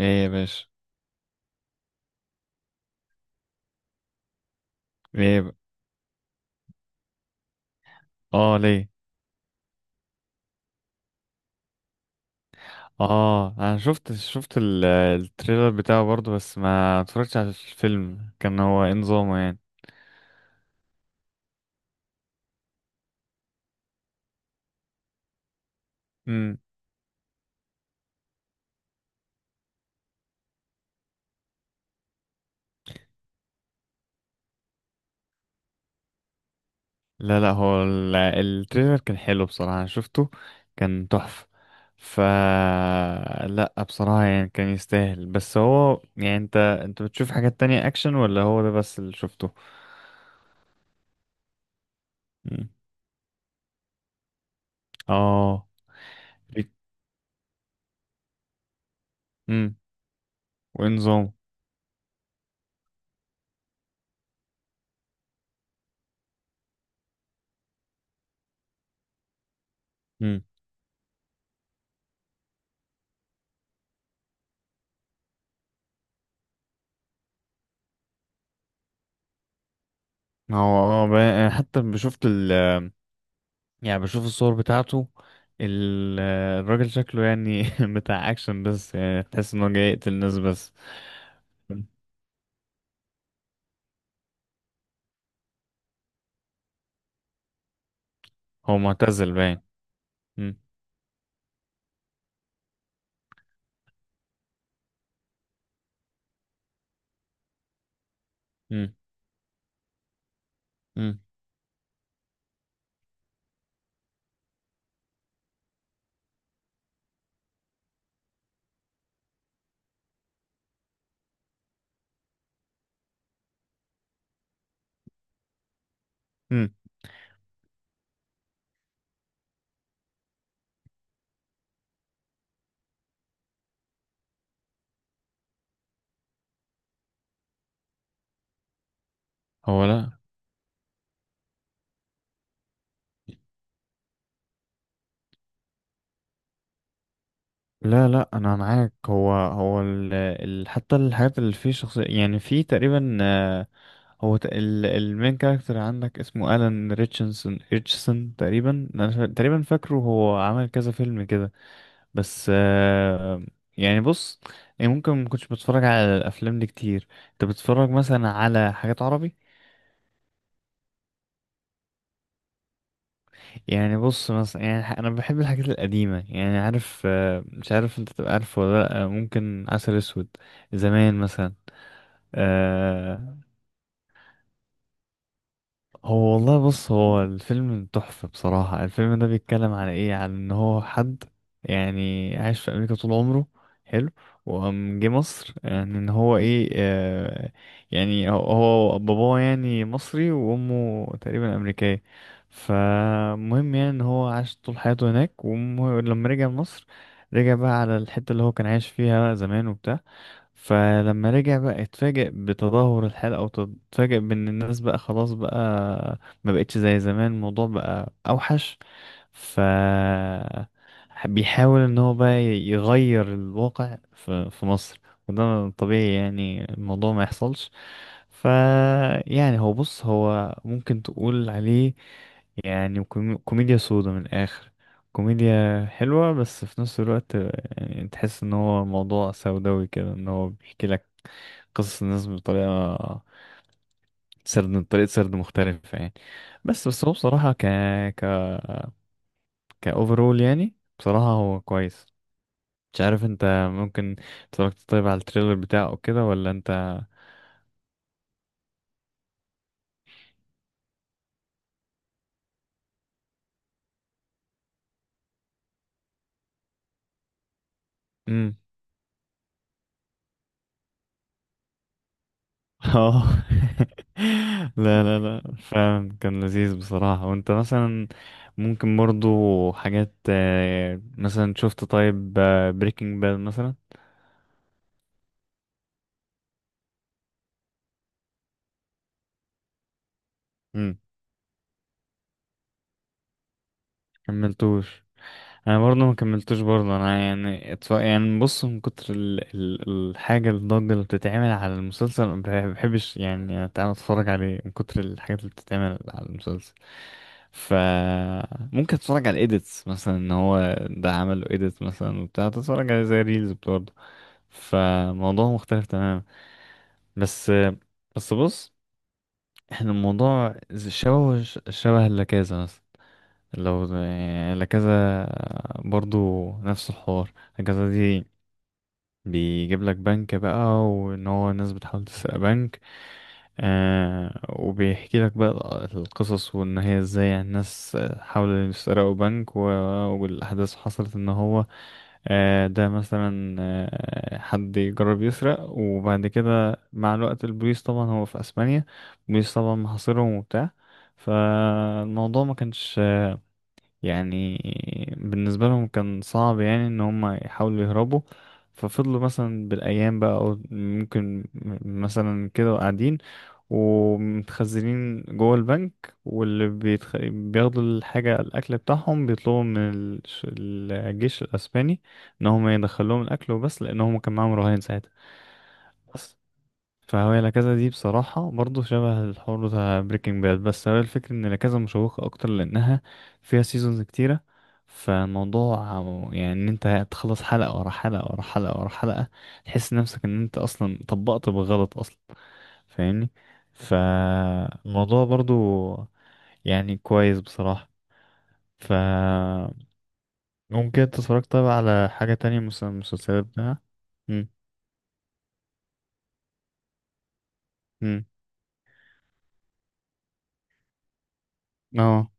ايه يا باشا. ايه ب... اه، ليه؟ اه، انا شفت التريلر بتاعه برضه، بس ما اتفرجتش على الفيلم. كان هو إيه نظامه يعني؟ امم. لا لا، هو التريلر كان حلو بصراحة، انا شفته. كان تحفة. ف لا بصراحة يعني كان يستاهل. بس هو يعني انت بتشوف حاجات تانية اكشن ولا هو ده بس اللي شفته؟ مم. اه. امم. وإيه نظامه؟ امم. هو اه، أنا حتى شفت، يعني بشوف الصور بتاعته. ال- الراجل شكله يعني بتاع اكشن، بس يعني تحس انه جاي يقتل ناس بس. هو معتزل باين. مم. مم. مم. مم. لا لا لا، انا معاك. هو ال حتى الحاجات اللي فيه شخصية يعني في تقريبا، هو ال المين كاركتر عندك اسمه الان ريتشنسون ريتشسون تقريبا، تقريبا فاكره هو عمل كذا فيلم كده. بس، يعني بص، يعني ممكن ما كنتش بتفرج على الافلام دي كتير؟ انت بتتفرج مثلا على حاجات عربي؟ يعني بص مثلا، انا بحب الحاجات القديمه، يعني عارف، مش عارف انت تبقى عارف ولا لا، ممكن عسل اسود زمان مثلا. آه، هو والله، بص، هو الفيلم تحفة بصراحة. الفيلم ده بيتكلم عن ايه؟ عن ان هو حد يعني عايش في امريكا طول عمره. حلو. وقام جه مصر، يعني ان هو ايه، آه، يعني هو باباه يعني مصري وامه تقريبا امريكية. فمهم يعني ان هو عاش طول حياته هناك، ولما رجع مصر، رجع بقى على الحتة اللي هو كان عايش فيها زمان وبتاع. فلما رجع بقى اتفاجئ بتدهور الحال، او اتفاجئ بان الناس بقى خلاص بقى ما بقتش زي زمان، الموضوع بقى اوحش. ف بيحاول ان هو بقى يغير الواقع في مصر، وده طبيعي يعني الموضوع ما يحصلش. ف يعني هو، بص، هو ممكن تقول عليه يعني كوميديا سودا من الاخر. كوميديا حلوة، بس في نفس الوقت يعني تحس ان هو موضوع سوداوي كده، ان هو بيحكي لك قصص الناس بطريقة، طريقة سرد مختلفة يعني. بس هو بصراحة، ك ك كأوفرول يعني، بصراحة هو كويس. مش عارف انت ممكن اتفرجت طيب على التريلر بتاعه كده ولا انت؟ اه لا لا لا، فعلا كان لذيذ بصراحة. وانت مثلا ممكن برضو حاجات، مثلا شفت طيب بريكنج باد مثلا؟ امم. كملتوش. انا برضه ما كملتوش برضه. انا يعني يعني بص، من كتر الضجه اللي بتتعمل على المسلسل ما بحبش يعني تعالى اتفرج عليه، من كتر الحاجات اللي بتتعمل على المسلسل. ف ممكن اتفرج على الايديتس مثلا، ان هو ده عمله ايديت مثلا وبتاع، تتفرج عليه زي ريلز برضه. فموضوع مختلف تماما. بس بس بص، احنا الموضوع شبه شبه اللاكازا مثلا. لو لكذا برضو نفس الحوار. لكذا دي بيجيب لك بنك بقى، وان هو الناس بتحاول تسرق بنك. آه، وبيحكي لك بقى القصص، وان هي ازاي يعني الناس حاولوا يسرقوا بنك والاحداث حصلت ان هو، ده مثلا، حد يجرب يسرق، وبعد كده مع الوقت البوليس طبعا، هو في اسبانيا، البوليس طبعا محاصرهم وبتاع. فالموضوع ما كانش يعني بالنسبة لهم كان صعب يعني ان هم يحاولوا يهربوا. ففضلوا مثلا بالايام بقى، او ممكن مثلا كده قاعدين ومتخزنين جوه البنك، واللي بياخدوا الحاجة، الاكل بتاعهم بيطلبوا من الجيش الاسباني ان هم يدخلوهم الاكل وبس، لان هم كان معاهم رهائن ساعتها. فهو لا كازا دي بصراحة برضه شبه الحوار بتاع بريكنج باد، بس هو الفكرة ان لا كازا مشوقة اكتر لانها فيها سيزونز كتيرة. فالموضوع يعني ان انت تخلص حلقة ورا حلقة ورا حلقة ورا حلقة، تحس نفسك ان انت اصلا طبقت بالغلط اصلا، فاهمني؟ فالموضوع برضه يعني كويس بصراحة. ف ممكن انت اتفرجت طيب على حاجة تانية مثلا المسلسلات بتاعها؟ مم. مم. اه،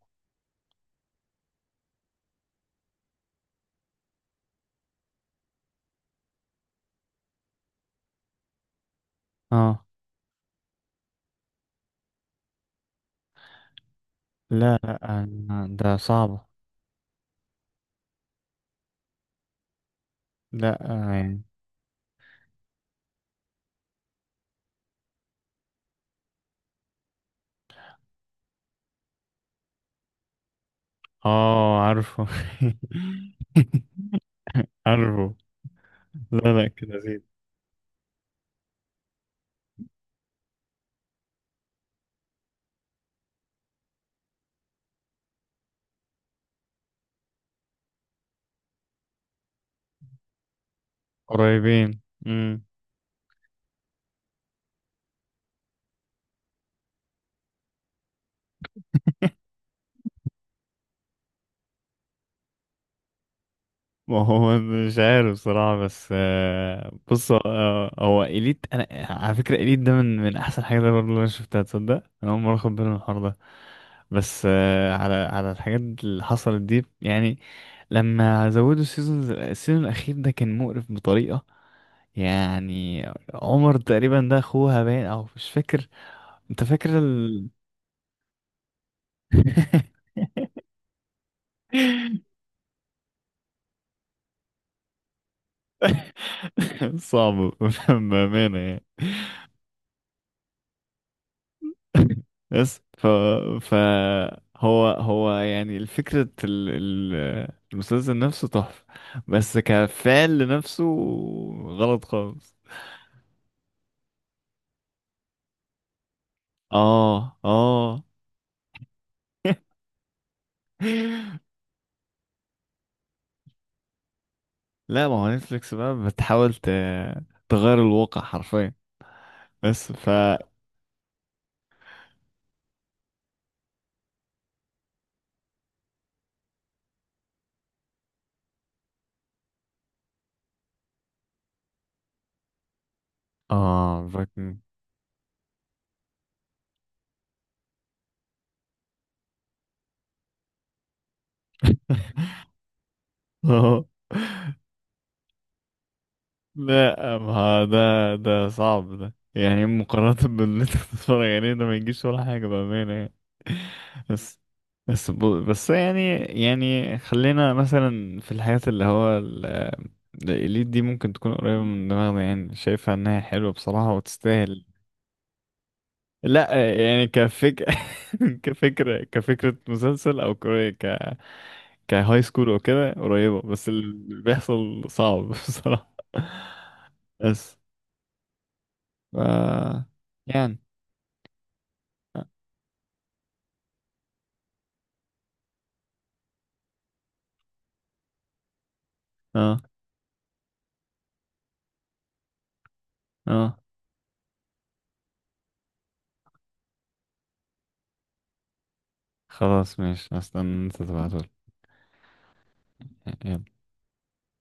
اه. لا لا، ده صعب. لا يعني. اه، عارفه. عارفه. لا لا، كده زيد. قريبين. امم. ما هو مش عارف صراحة. بس، بص، هو إليت، أنا على فكرة إليت ده من أحسن حاجة برضه اللي أنا شفتها، تصدق أنا أول مرة أخد بالي من الحوار ده. بس، على على الحاجات اللي حصلت دي يعني، لما زودوا السيزون الأخير ده كان مقرف بطريقة يعني. عمر تقريبا ده أخوها باين أو مش فاكر. انت فاكر صعب. بأمانة يعني. بس ف... فهو، يعني الفكرة المسلسل نفسه تحفة، بس كفعل لنفسه غلط خالص. اه، اه. لا، ما هو نتفليكس بقى بتحاول تغير الواقع حرفيا. بس ف اه، فاكر. اه. لا، ما ده ده صعب. ده يعني مقارنة باللي انت بتتفرج عليه ده ما يجيش ولا حاجة بأمانة يعني. بس بس بس يعني، خلينا مثلا في الحاجات اللي هو الإليت دي ممكن تكون قريبة من دماغنا، يعني شايفها إنها حلوة بصراحة وتستاهل. لا يعني كفكرة مسلسل أو كر- ك كهاي سكول أو كده قريبة، بس اللي بيحصل صعب بصراحة. بس ف يعني، اه، اه. خلاص ماشي، هستنى انت تبعتهولي.